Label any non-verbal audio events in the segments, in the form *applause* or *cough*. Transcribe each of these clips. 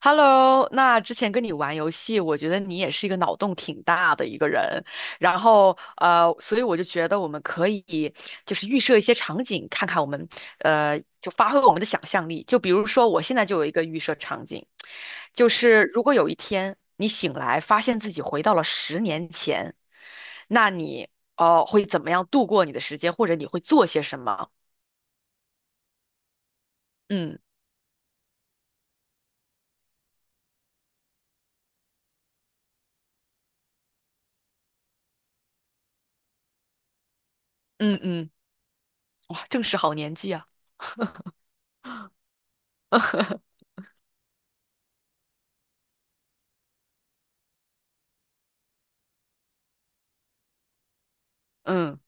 Hello，那之前跟你玩游戏，我觉得你也是一个脑洞挺大的一个人，然后所以我就觉得我们可以就是预设一些场景，看看我们就发挥我们的想象力。就比如说，我现在就有一个预设场景，就是如果有一天你醒来发现自己回到了十年前，那你会怎么样度过你的时间，或者你会做些什么？嗯嗯嗯，哇，正是好年纪啊，*laughs* 嗯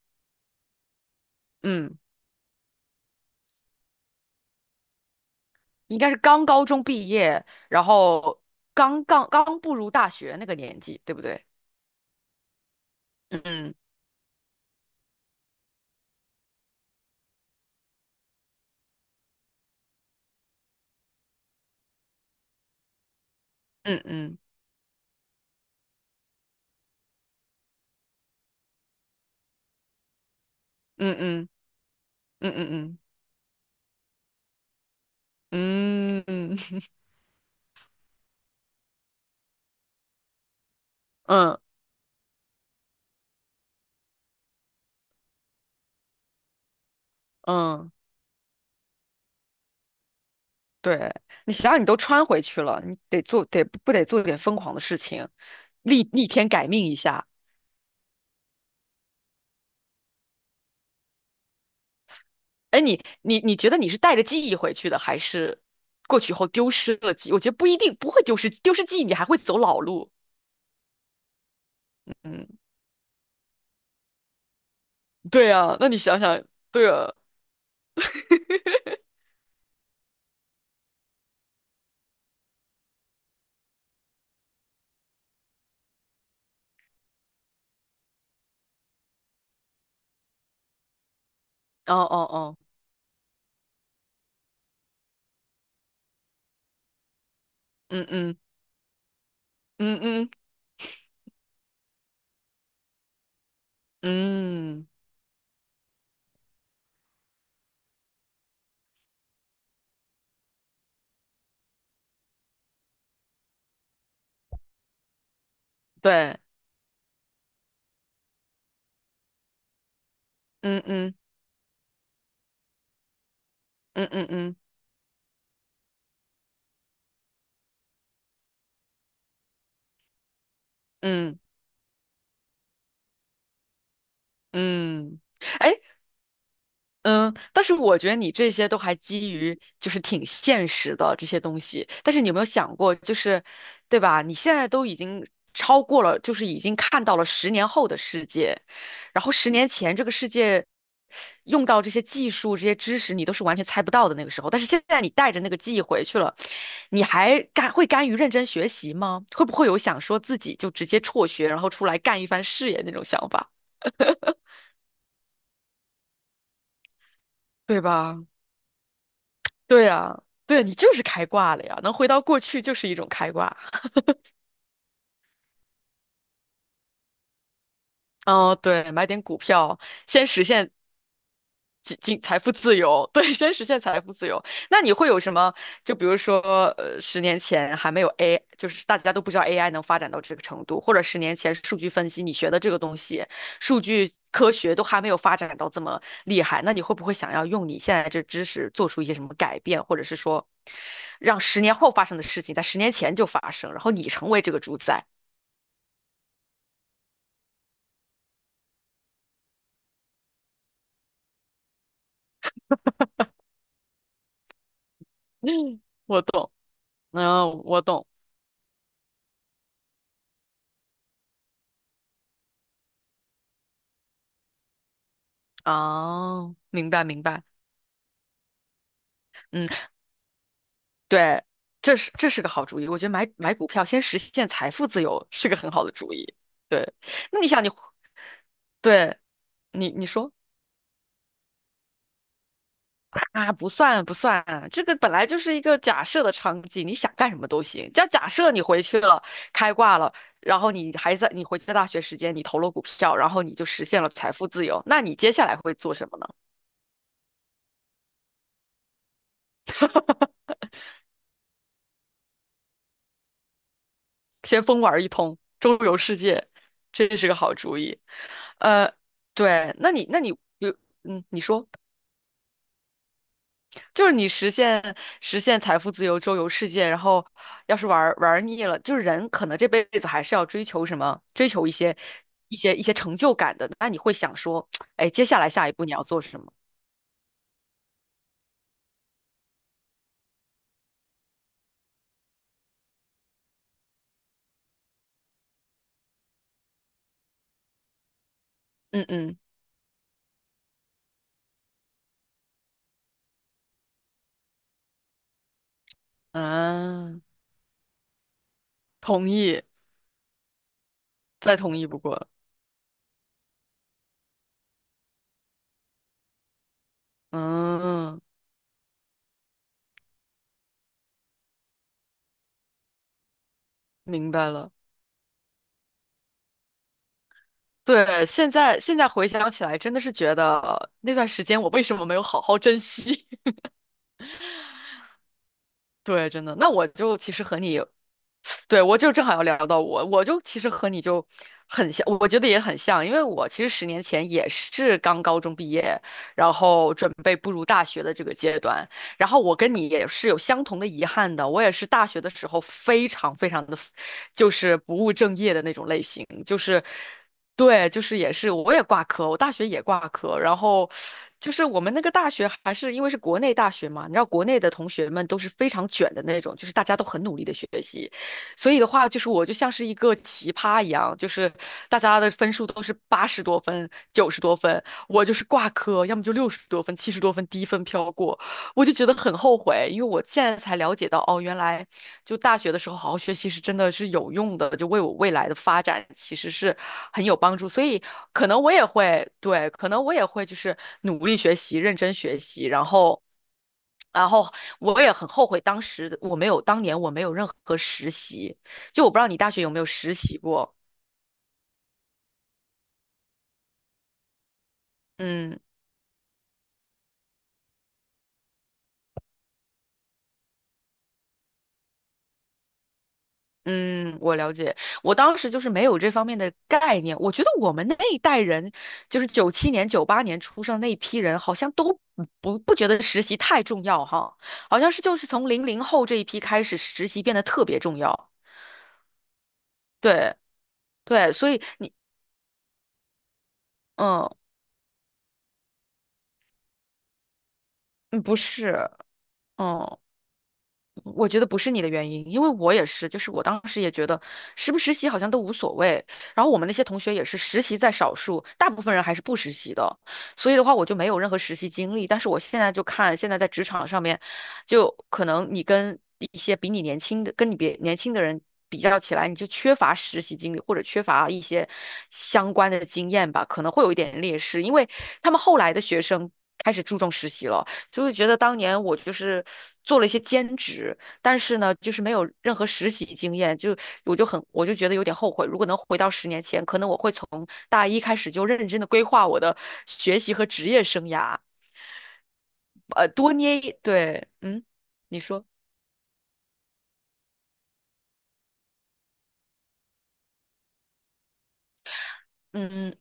嗯。应该是刚高中毕业，然后刚步入大学那个年纪，对不对？嗯嗯嗯嗯嗯嗯嗯嗯嗯 *laughs* 嗯嗯，对，你想想，你都穿回去了，你得做得不得做点疯狂的事情，逆天改命一下。哎，你觉得你是带着记忆回去的，还是过去后丢失了记忆我觉得不一定不会丢失记忆，你还会走老路。嗯，对啊，那你想想，对啊，哦哦哦。嗯嗯嗯嗯嗯，对，嗯嗯嗯嗯嗯嗯嗯，哎，嗯，但是我觉得你这些都还基于就是挺现实的这些东西，但是你有没有想过，就是对吧？你现在都已经超过了，就是已经看到了十年后的世界，然后十年前这个世界用到这些技术、这些知识，你都是完全猜不到的那个时候。但是现在你带着那个记忆回去了，你还甘于认真学习吗？会不会有想说自己就直接辍学，然后出来干一番事业那种想法，对吧？对啊，对啊你就是开挂了呀，能回到过去就是一种开挂。哦，对，买点股票，先实现财富自由，*laughs* 对，先实现财富自由。那你会有什么？就比如说，十年前还没有 就是大家都不知道 AI 能发展到这个程度，或者十年前数据分析你学的这个东西，数据科学都还没有发展到这么厉害，那你会不会想要用你现在这知识做出一些什么改变，或者是说，让十年后发生的事情在十年前就发生，然后你成为这个主宰？*laughs* 嗯，我懂，嗯，我懂。哦，明白明白，嗯，对，这是个好主意，我觉得买股票先实现财富自由是个很好的主意。对，那你想你，对你说啊，不算不算，这个本来就是一个假设的场景，你想干什么都行。假设你回去了，开挂了，然后你还在你回去在大学时间，你投了股票，然后你就实现了财富自由，那你接下来会做什么呢？先疯玩一通，周游世界，这是个好主意。呃，对，那你比如嗯，你说就是你实现财富自由、周游世界，然后要是玩儿玩儿腻了，就是人可能这辈子还是要追求什么，追求一些成就感的。那你会想说，哎，接下来下一步你要做什么？嗯嗯嗯，同意，再同意不过了。嗯，明白了。对，现在回想起来，真的是觉得那段时间我为什么没有好好珍惜？*laughs* 对，真的。那我就其实和你对，我就正好要聊到我，我就其实和你就很像，我觉得也很像，因为我其实十年前也是刚高中毕业，然后准备步入大学的这个阶段，然后我跟你也是有相同的遗憾的，我也是大学的时候非常非常的，就是不务正业的那种类型，就是，对，就是也是我也挂科，我大学也挂科，然后。就是我们那个大学还是因为是国内大学嘛，你知道国内的同学们都是非常卷的那种，就是大家都很努力的学习，所以的话，就是我就像是一个奇葩一样，就是大家的分数都是80多分、90多分，我就是挂科，要么就60多分、70多分，低分飘过，我就觉得很后悔，因为我现在才了解到，哦，原来就大学的时候好好学习是真的是有用的，就为我未来的发展其实是很有帮助，所以可能我也会，对，可能我也会就是努力学习、认真学习，然后。然后我也很后悔当时的我没有，当年我没有任何实习，就我不知道你大学有没有实习过。嗯嗯，我了解，我当时就是没有这方面的概念。我觉得我们那一代人，就是97年、98年出生那一批人，好像都不觉得实习太重要哈，好像是就是从00后这一批开始，实习变得特别重要。对对，所以你嗯嗯不是。嗯。我觉得不是你的原因，因为我也是，就是我当时也觉得实不实习好像都无所谓。然后我们那些同学也是实习在少数，大部分人还是不实习的，所以的话我就没有任何实习经历。但是我现在就看现在在职场上面，就可能你跟一些比你年轻的、跟你别年轻的人比较起来，你就缺乏实习经历或者缺乏一些相关的经验吧，可能会有一点劣势，因为他们后来的学生开始注重实习了。就会觉得当年我就是做了一些兼职，但是呢，就是没有任何实习经验，就我就觉得有点后悔。如果能回到十年前，可能我会从大一开始就认真的规划我的学习和职业生涯，呃，多捏一，对，嗯，你说，嗯嗯。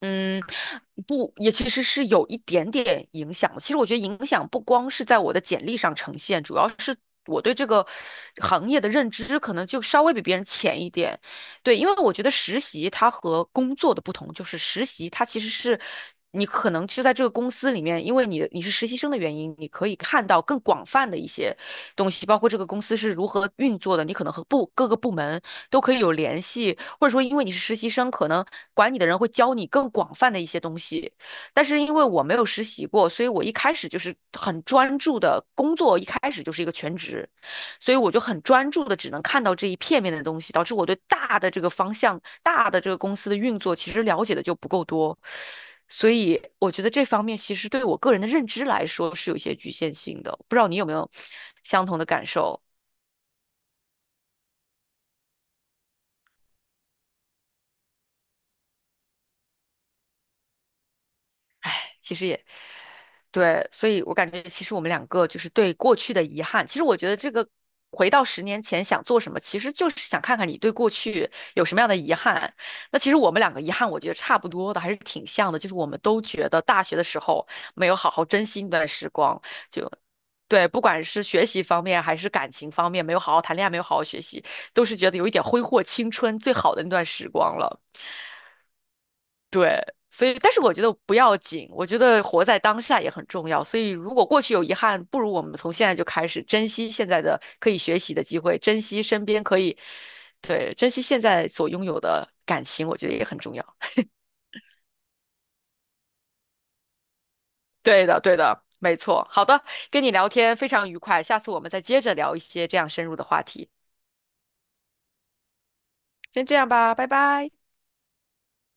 嗯，不，也其实是有一点点影响的。其实我觉得影响不光是在我的简历上呈现，主要我对这个行业的认知可能就稍微比别人浅一点。对，因为我觉得实习它和工作的不同，就是实习它其实是你可能就在这个公司里面，因为你是实习生的原因，你可以看到更广泛的一些东西，包括这个公司是如何运作的，你可能和各个部门都可以有联系，或者说因为你是实习生，可能管你的人会教你更广泛的一些东西。但是因为我没有实习过，所以我一开始就是很专注的工作，一开始就是一个全职，所以我就很专注的只能看到这一片面的东西，导致我对大的这个方向、大的这个公司的运作其实了解的就不够多，所以我觉得这方面其实对我个人的认知来说是有一些局限性的，不知道你有没有相同的感受？唉，其实也对，所以我感觉其实我们两个就是对过去的遗憾。其实我觉得这个回到十年前想做什么，其实就是想看看你对过去有什么样的遗憾。那其实我们两个遗憾，我觉得差不多的，还是挺像的，就是我们都觉得大学的时候没有好好珍惜那段时光，就。对，不管是学习方面还是感情方面，没有好好谈恋爱，没有好好学习，都是觉得有一点挥霍青春最好的那段时光了。所以，但是我觉得不要紧，我觉得活在当下也很重要。所以，如果过去有遗憾，不如我们从现在就开始珍惜现在的可以学习的机会，珍惜身边可以，对，珍惜现在所拥有的感情，我觉得也很重要。对的，对的，没错。好的，跟你聊天非常愉快，下次我们再接着聊一些这样深入的话题。先这样吧，拜拜。